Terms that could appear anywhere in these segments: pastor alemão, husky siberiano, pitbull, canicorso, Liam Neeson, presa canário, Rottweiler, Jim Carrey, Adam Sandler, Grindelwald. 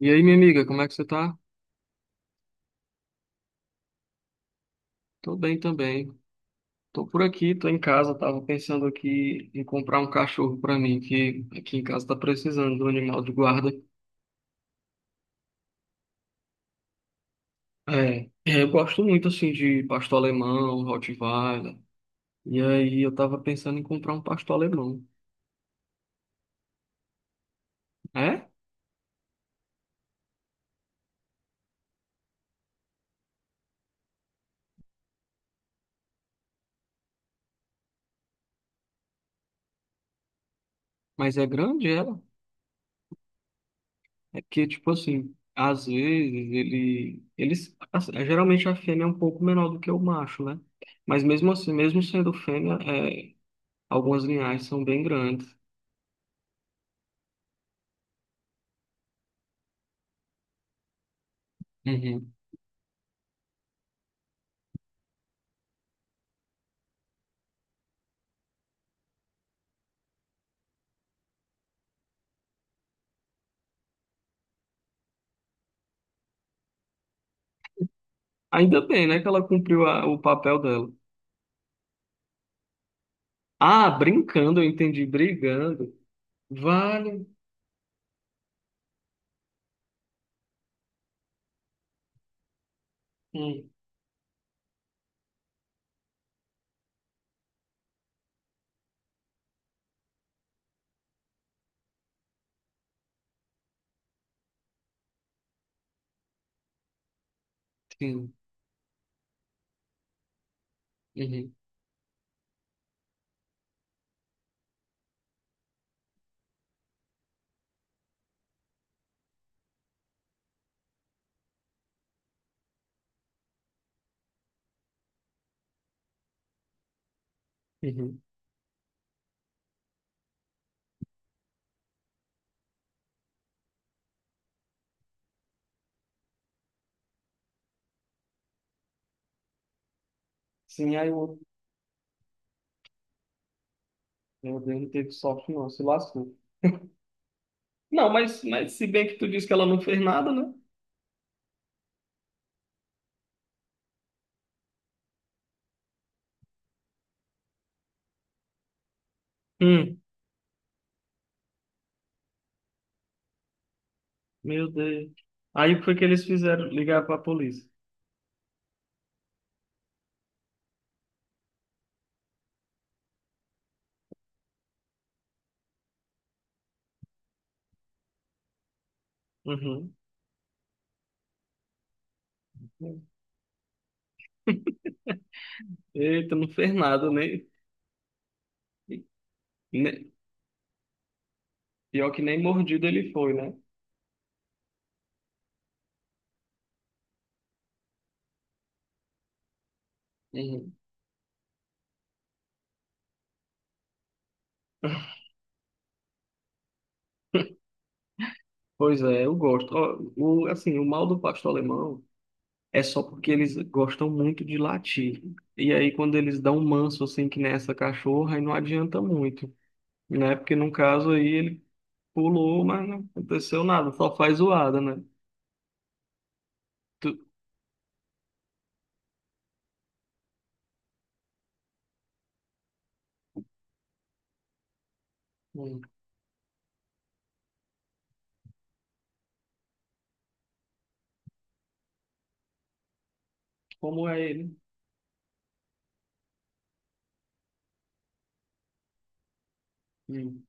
E aí, minha amiga, como é que você tá? Tô bem também. Tô por aqui, tô em casa, tava pensando aqui em comprar um cachorro pra mim, que aqui em casa tá precisando de um animal de guarda. Eu gosto muito assim de pastor alemão, Rottweiler. E aí eu tava pensando em comprar um pastor alemão. É? Mas é grande ela? É porque, tipo assim, às vezes ele, eles, assim, geralmente a fêmea é um pouco menor do que o macho, né? Mas mesmo assim, mesmo sendo fêmea, algumas linhagens são bem grandes. Uhum. Ainda bem, né, que ela cumpriu o papel dela. Ah, brincando, eu entendi, brigando. Vale. Hum, sim. Uhum, uhum. Sim, aí o meu Deus, não teve sorte, não, se lascou. Não, mas se bem que tu disse que ela não fez nada, né? Hum, meu Deus. Aí o que foi que eles fizeram? Ligar pra polícia. Uhum. Eita, não fez nada, nem. nem- Pior que nem mordido ele foi, né? Uhum. Pois é, eu gosto. Ó, o, assim, o mal do pastor alemão é só porque eles gostam muito de latir. E aí, quando eles dão um manso assim, que nessa cachorra, aí não adianta muito, né? Porque no caso aí ele pulou, mas não aconteceu nada, só faz zoada, né? Tu- Hum. Como é ele? Hum,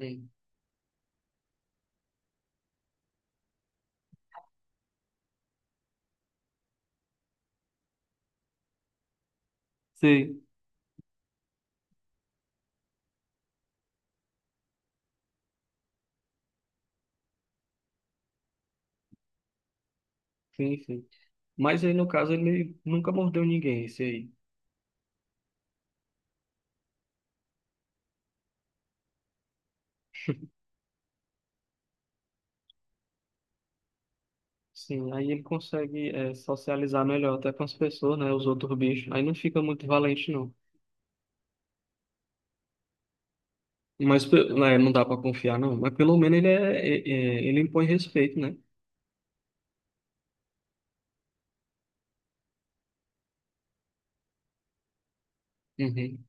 hum. Sei, sim, sim. Mas aí no caso ele nunca mordeu ninguém, esse aí. Sim, aí ele consegue socializar melhor até com as pessoas, né? Os outros bichos. Aí não fica muito valente, não. Mas né, não dá para confiar, não. Mas pelo menos ele, ele impõe respeito, né? Uhum.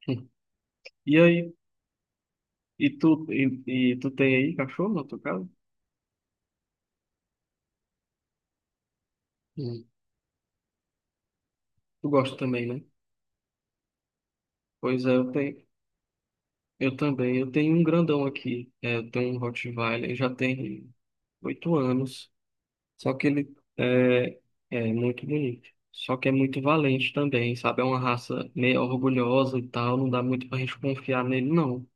E aí, e tu, e, e tu tem aí cachorro na tua casa? Uhum. Tu gosta também, né? Pois é, eu tenho, eu também. Eu tenho um grandão aqui. É, eu tenho um Rottweiler, ele já tem 8 anos. Só que ele é muito bonito. Só que é muito valente também, sabe? É uma raça meio orgulhosa e tal. Não dá muito pra gente confiar nele, não.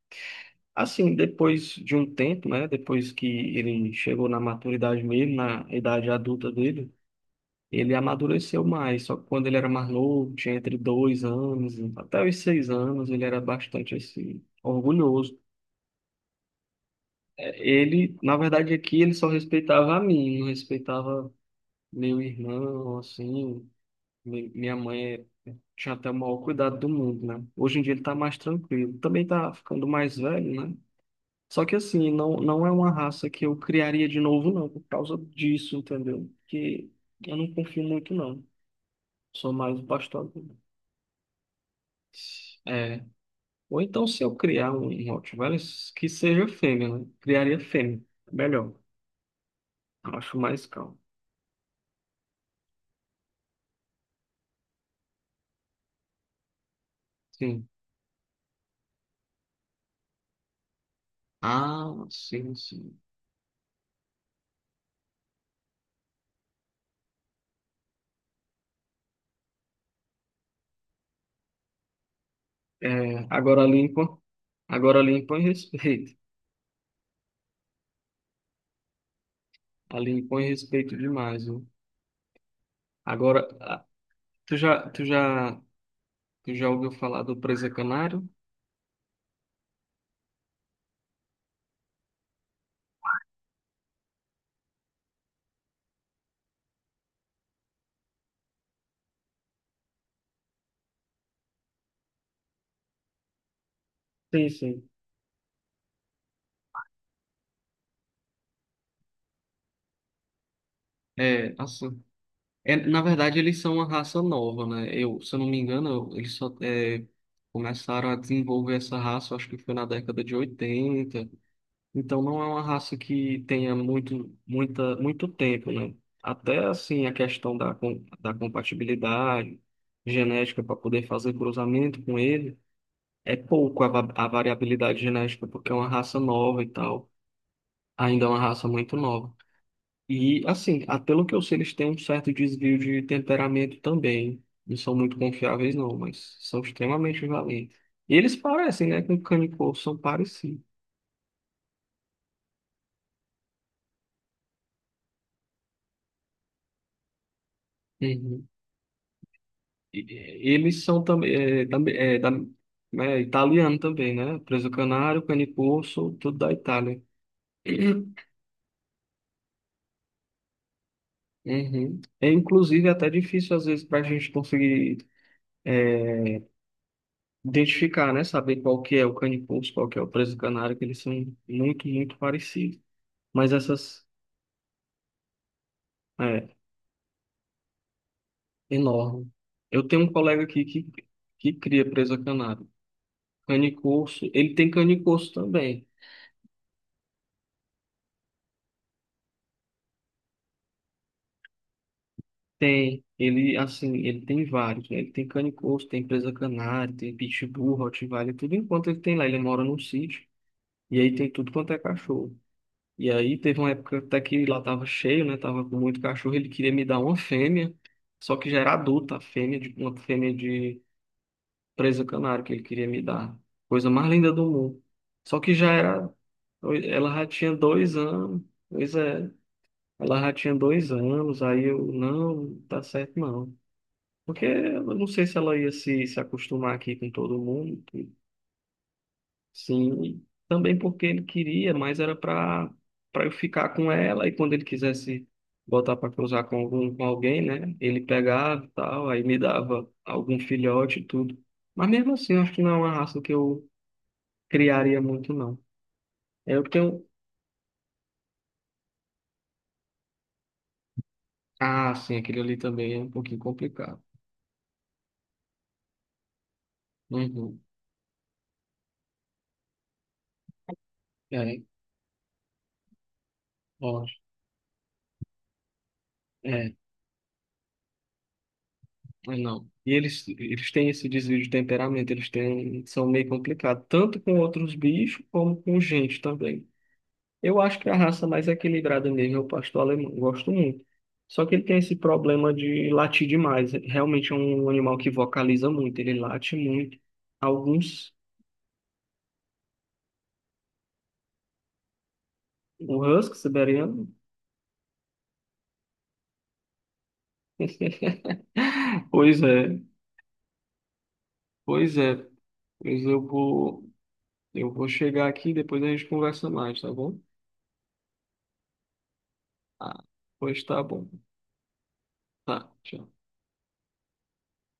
Assim, depois de um tempo, né? Depois que ele chegou na maturidade mesmo, na idade adulta dele, ele amadureceu mais. Só que quando ele era mais novo, tinha entre 2 anos, até os 6 anos, ele era bastante assim, orgulhoso. É. Ele, na verdade, aqui ele só respeitava a mim, não respeitava meu irmão, assim. Minha mãe tinha até o maior cuidado do mundo, né? Hoje em dia ele tá mais tranquilo. Também tá ficando mais velho, né? Só que assim, não, não é uma raça que eu criaria de novo, não, por causa disso, entendeu? Porque eu não confio muito, não. Sou mais um pastor. É. Ou então, se eu criar um Rottweiler, que seja fêmea, né? Criaria fêmea. Melhor. Eu acho mais calmo. Sim. Ah, sim, sim. É, agora limpa. Agora limpa em respeito. A limpa em respeito demais, viu? Agora, tu já, tu já, tu já ouviu falar do presa canário? Sim, sim. É, assim, na verdade eles são uma raça nova, né? Eu, se eu não me engano, eles começaram a desenvolver essa raça, acho que foi na década de 80. Então não é uma raça que tenha muito tempo, né? Até assim a questão da compatibilidade genética para poder fazer cruzamento com ele, é pouco a variabilidade genética, porque é uma raça nova e tal. Ainda é uma raça muito nova. E, assim, ah, pelo que eu sei, eles têm um certo desvio de temperamento também. Não são muito confiáveis, não, mas são extremamente valentes. E eles parecem, né, com canicorso, são parecidos. Uhum. E- e- Eles são também, é, também- é, da- italiano também, né? Preso canário, canicorso, tudo da Itália. Uhum. É, inclusive, é até difícil, às vezes, para a gente conseguir é, identificar, né? Saber qual que é o canicorso, qual que é o preso canário, que eles são muito, muito parecidos. Mas essas é enorme. Eu tenho um colega aqui que cria presa canário. Canicorso, ele tem canicorso também. Tem, ele assim, ele tem vários, né? Ele tem canicorso, tem presa canário, tem pitbull, rottweiler, tudo enquanto ele tem lá. Ele mora num sítio e aí tem tudo quanto é cachorro. E aí teve uma época até que lá tava cheio, né? Tava com muito cachorro, ele queria me dar uma fêmea, só que já era adulta, a fêmea de uma fêmea de presa canário que ele queria me dar. Coisa mais linda do mundo. Só que já era. Ela já tinha 2 anos. Pois é. Ela já tinha dois anos. Aí eu, não, não tá certo não. Porque eu não sei se ela ia se acostumar aqui com todo mundo. Sim. Também porque ele queria, mas era pra eu ficar com ela. E quando ele quisesse botar pra cruzar com algum, com alguém, né? Ele pegava e tal. Aí me dava algum filhote e tudo. Mas mesmo assim, eu acho que não é uma raça que eu criaria muito, não. É, eu tenho. Ah, sim, aquele ali também é um pouquinho complicado. Uhum. É, ó, é, mas não. E eles têm esse desvio de temperamento, eles têm, são meio complicados, tanto com outros bichos como com gente também. Eu acho que a raça mais equilibrada mesmo é o pastor alemão, eu gosto muito. Só que ele tem esse problema de latir demais. Realmente é um animal que vocaliza muito, ele late muito. Alguns, o husky siberiano. Pois é. Pois é, pois eu vou, eu vou chegar aqui e depois a gente conversa mais, tá bom? Ah, pois tá bom. Tá, tchau.